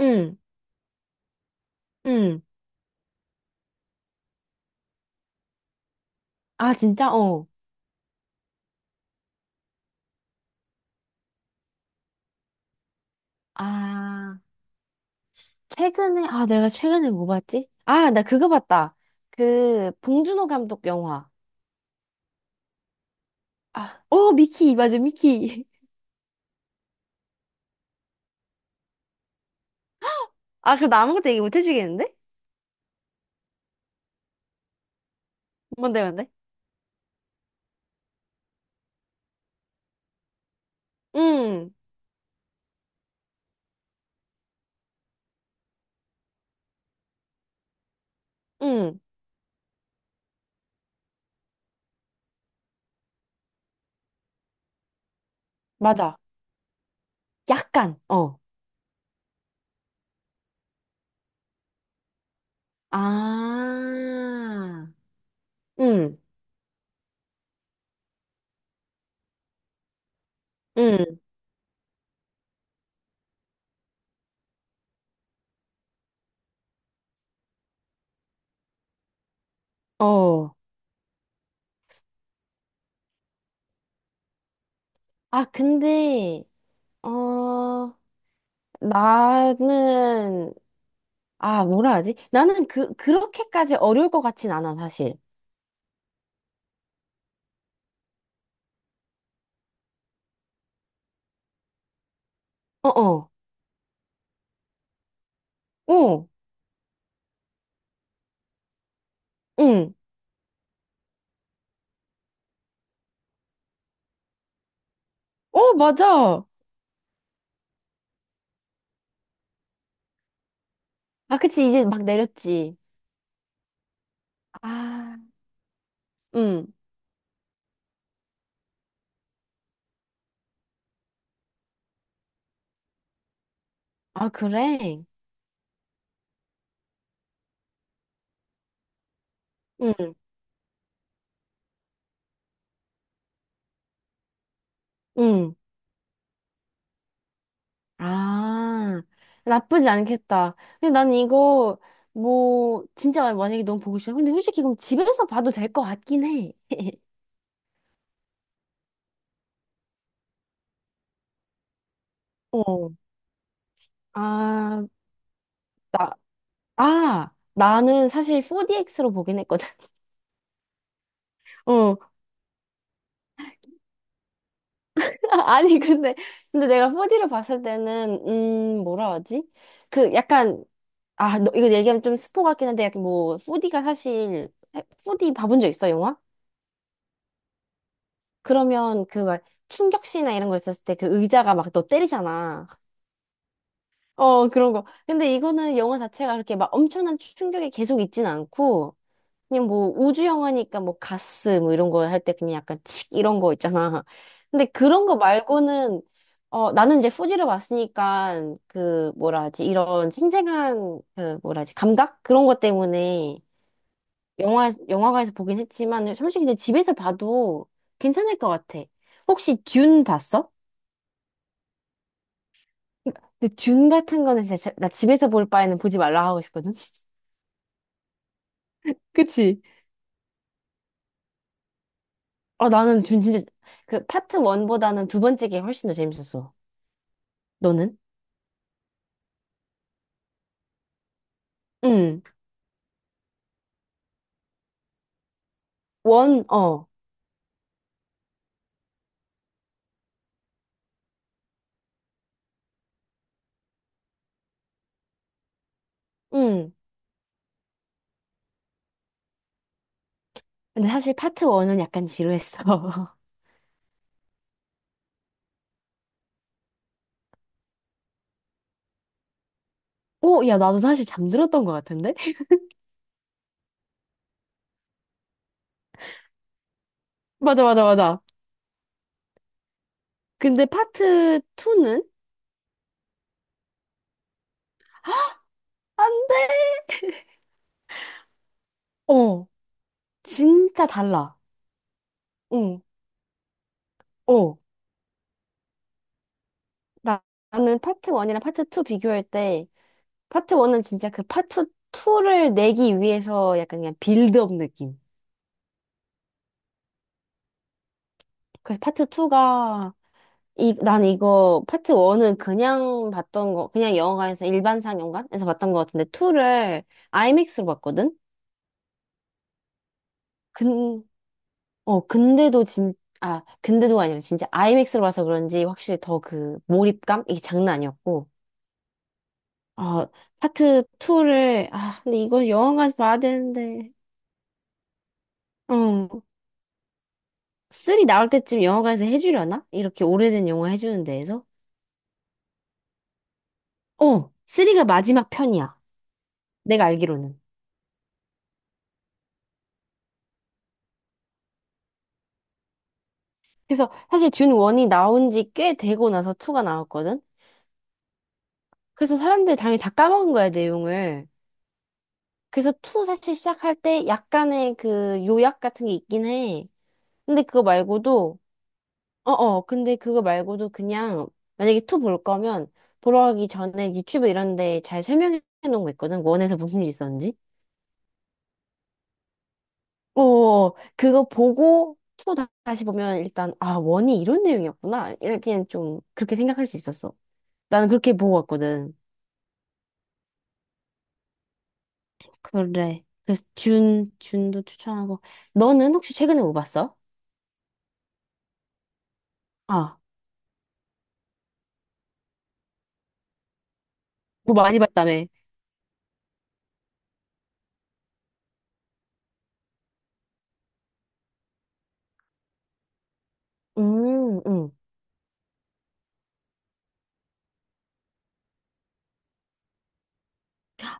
응, 응. 아, 진짜? 어. 아, 최근에, 아, 내가 최근에 뭐 봤지? 아, 나 그거 봤다. 그, 봉준호 감독 영화. 아, 어, 미키, 맞아, 미키. 아, 그럼 나 아무것도 얘기 못 해주겠는데? 뭔데, 뭔데? 응, 응, 맞아. 약간, 어. 아, 응, 응, 어. 아, 근데, 어, 나는, 아, 뭐라 하지? 나는 그렇게까지 어려울 것 같진 않아, 사실. 어어. 어. 응. 어, 맞아. 아, 그치. 이제 막 내렸지. 아, 응. 아, 그래? 응. 응. 아, 나쁘지 않겠다. 근데 난 이거, 뭐, 진짜 만약에 너무 보고 싶어. 근데 솔직히 그럼 집에서 봐도 될 것 같긴 해. 어. 아, 나, 아, 나는 사실 4DX로 보긴 했거든. 어. 아니, 근데 내가 4D를 봤을 때는, 뭐라 하지? 그 약간 아, 너, 이거 얘기하면 좀 스포 같긴 한데, 약간 뭐, 4D가 사실, 4D 봐본 적 있어, 영화? 그러면 그 막 충격시나 이런 거 있었을 때 그 의자가 막 너 때리잖아. 어, 그런 거. 근데 이거는 영화 자체가 그렇게 막 엄청난 충격이 계속 있진 않고, 그냥 뭐 우주 영화니까 뭐 가스 뭐 이런 거 할 때 그냥 약간 칙 이런 거 있잖아. 근데 그런 거 말고는, 어, 나는 이제 4D를 봤으니까 그 뭐라 하지, 이런 생생한 그 뭐라 하지, 감각? 그런 것 때문에 영화관에서 보긴 했지만, 솔직히 내 집에서 봐도 괜찮을 것 같아. 혹시 듄 봤어? 근데 듄 같은 거는 진짜 나 집에서 볼 바에는 보지 말라 하고 싶거든? 그치? 아 나는 듄 진짜, 그 파트 원보다는두 번째 게 훨씬 더 재밌었어. 너는? 응. 원, 어. 응. 근데 사실 파트 1은 약간 지루했어. 오, 야, 나도 사실 잠들었던 것 같은데? 맞아, 맞아, 맞아. 근데 파트 투는안 돼! 어, 진짜 달라. 응 어, 나, 나는 파트 1이랑 파트 2 비교할 때, 파트 1은 진짜 그 파트 2를 내기 위해서 약간 그냥 빌드업 느낌. 그래서 파트 2가, 이, 난 이거, 파트 1은 그냥 봤던 거, 그냥 영화관에서 일반 상영관에서 봤던 거 같은데, 2를 아이맥스로 봤거든? 근, 근데도 진, 아, 근데도 아니라 진짜 아이맥스로 봐서 그런지 확실히 더 그 몰입감? 이게 장난 아니었고, 어, 파트 2를, 아, 근데 이거 영화관에서 봐야 되는데. 어, 3 나올 때쯤 영화관에서 해주려나? 이렇게 오래된 영화 해주는 데에서? 어, 3가 마지막 편이야. 내가 알기로는. 그래서 사실 듄 1이 나온 지 꽤 되고 나서 2가 나왔거든? 그래서 사람들이 당연히 다 까먹은 거야, 내용을. 그래서 투 사실 시작할 때 약간의 그 요약 같은 게 있긴 해. 근데 그거 말고도, 어어, 근데 그거 말고도 그냥, 만약에 2 볼 거면, 보러 가기 전에 유튜브 이런 데 잘 설명해 놓은 거 있거든? 1에서 무슨 일이 있었는지? 어, 그거 보고 2 다시 보면 일단 아, 1이 이런 내용이었구나. 이렇게 좀 그렇게 생각할 수 있었어. 나는 그렇게 보고 왔거든. 그래. 그래서 준도 추천하고. 너는 혹시 최근에 뭐 봤어? 아, 뭐 많이 봤다며. 음, 음.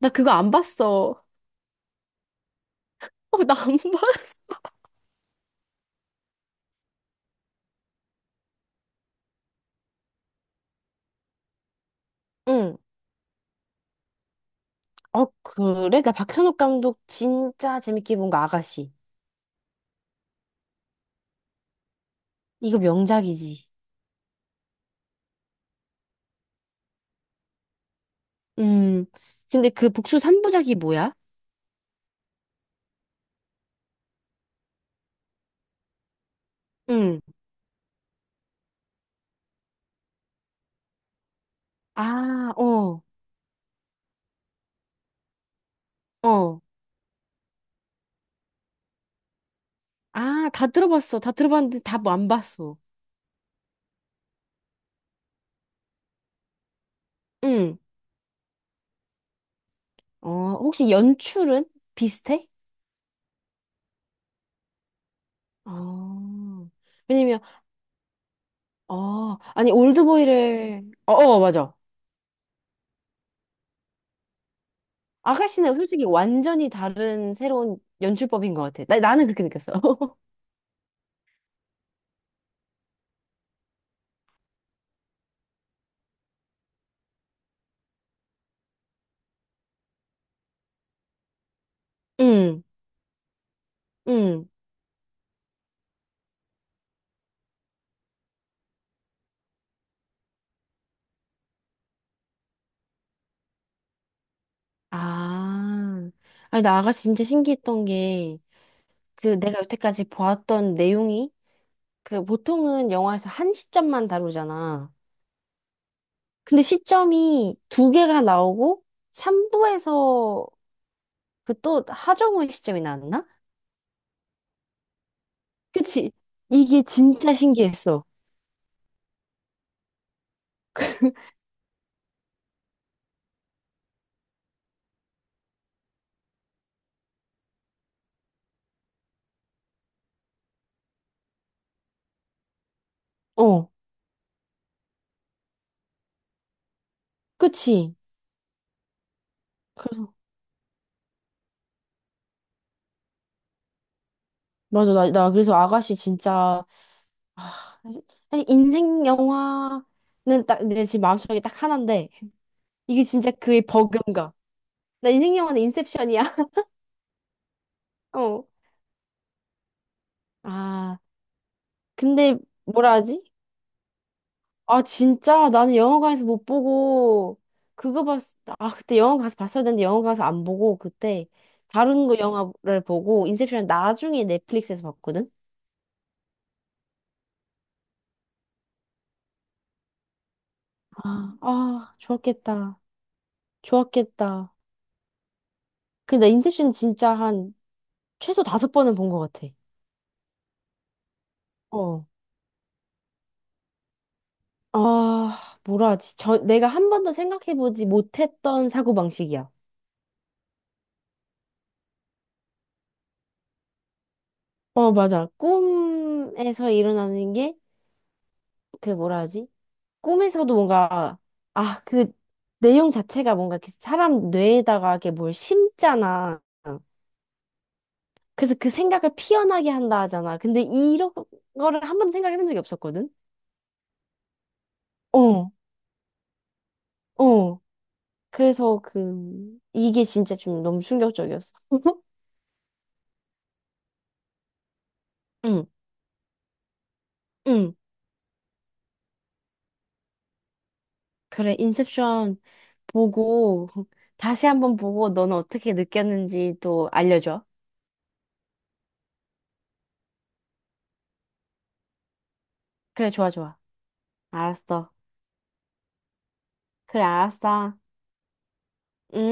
나 그거 안 봤어. 어, 나 안 봤어. 응. 어, 그래? 나 박찬욱 감독 진짜 재밌게 본 거 아가씨. 이거 명작이지. 음. 근데 그 복수 3부작이 뭐야? 응. 아, 어. 어. 아, 다 들어봤어. 다 들어봤는데 다 뭐 안 봤어. 응. 어, 혹시 연출은 비슷해? 어. 왜냐면, 어, 아니, 올드보이를, 어, 어, 맞아. 아가씨는 솔직히 완전히 다른 새로운 연출법인 것 같아. 나는 그렇게 느꼈어. 응, 응. 아, 아니, 나 아가 씨 진짜 신기했던 게, 그 내가 여태까지 보았던 내용이, 그 보통은 영화에서 한 시점만 다루잖아. 근데 시점이 2개가 나오고 3부에서 그 또 하정우의 시점이 나왔나? 그치? 이게 진짜 신기했어. 어, 그치? 그래서 맞아 나 그래서 아가씨 진짜 아, 사실 인생 영화는 딱 내 지금 마음속에 딱 하나인데 이게 진짜 그의 버금가. 나 인생 영화는 인셉션이야. 어. 아, 근데 뭐라 하지? 아, 진짜? 나는 영화관에서 못 보고, 그거 봤, 아, 그때 영화 가서 봤어야 되는데 영화 가서 안 보고, 그때 다른 거 영화를 보고, 인셉션을 나중에 넷플릭스에서 봤거든? 아, 아, 좋았겠다. 좋았겠다. 근데 나 인셉션 진짜 한 최소 5번은 본 것 같아. 어. 아, 뭐라 하지? 저, 내가 한 번도 생각해보지 못했던 사고방식이야. 어, 맞아. 꿈에서 일어나는 게, 그 뭐라 하지? 꿈에서도 뭔가 아, 그 내용 자체가 뭔가 이렇게 사람 뇌에다가 이렇게 뭘 심잖아. 그래서 그 생각을 피어나게 한다 하잖아. 근데 이런 거를 한 번도 생각해 본 적이 없었거든. 어, 어. 그래서 그 이게 진짜 좀 너무 충격적이었어. 응, 응. 그래, 인셉션 보고 다시 한번 보고 너는 어떻게 느꼈는지 또 알려줘. 그래, 좋아, 좋아. 알았어. 그래, 알았어. 응?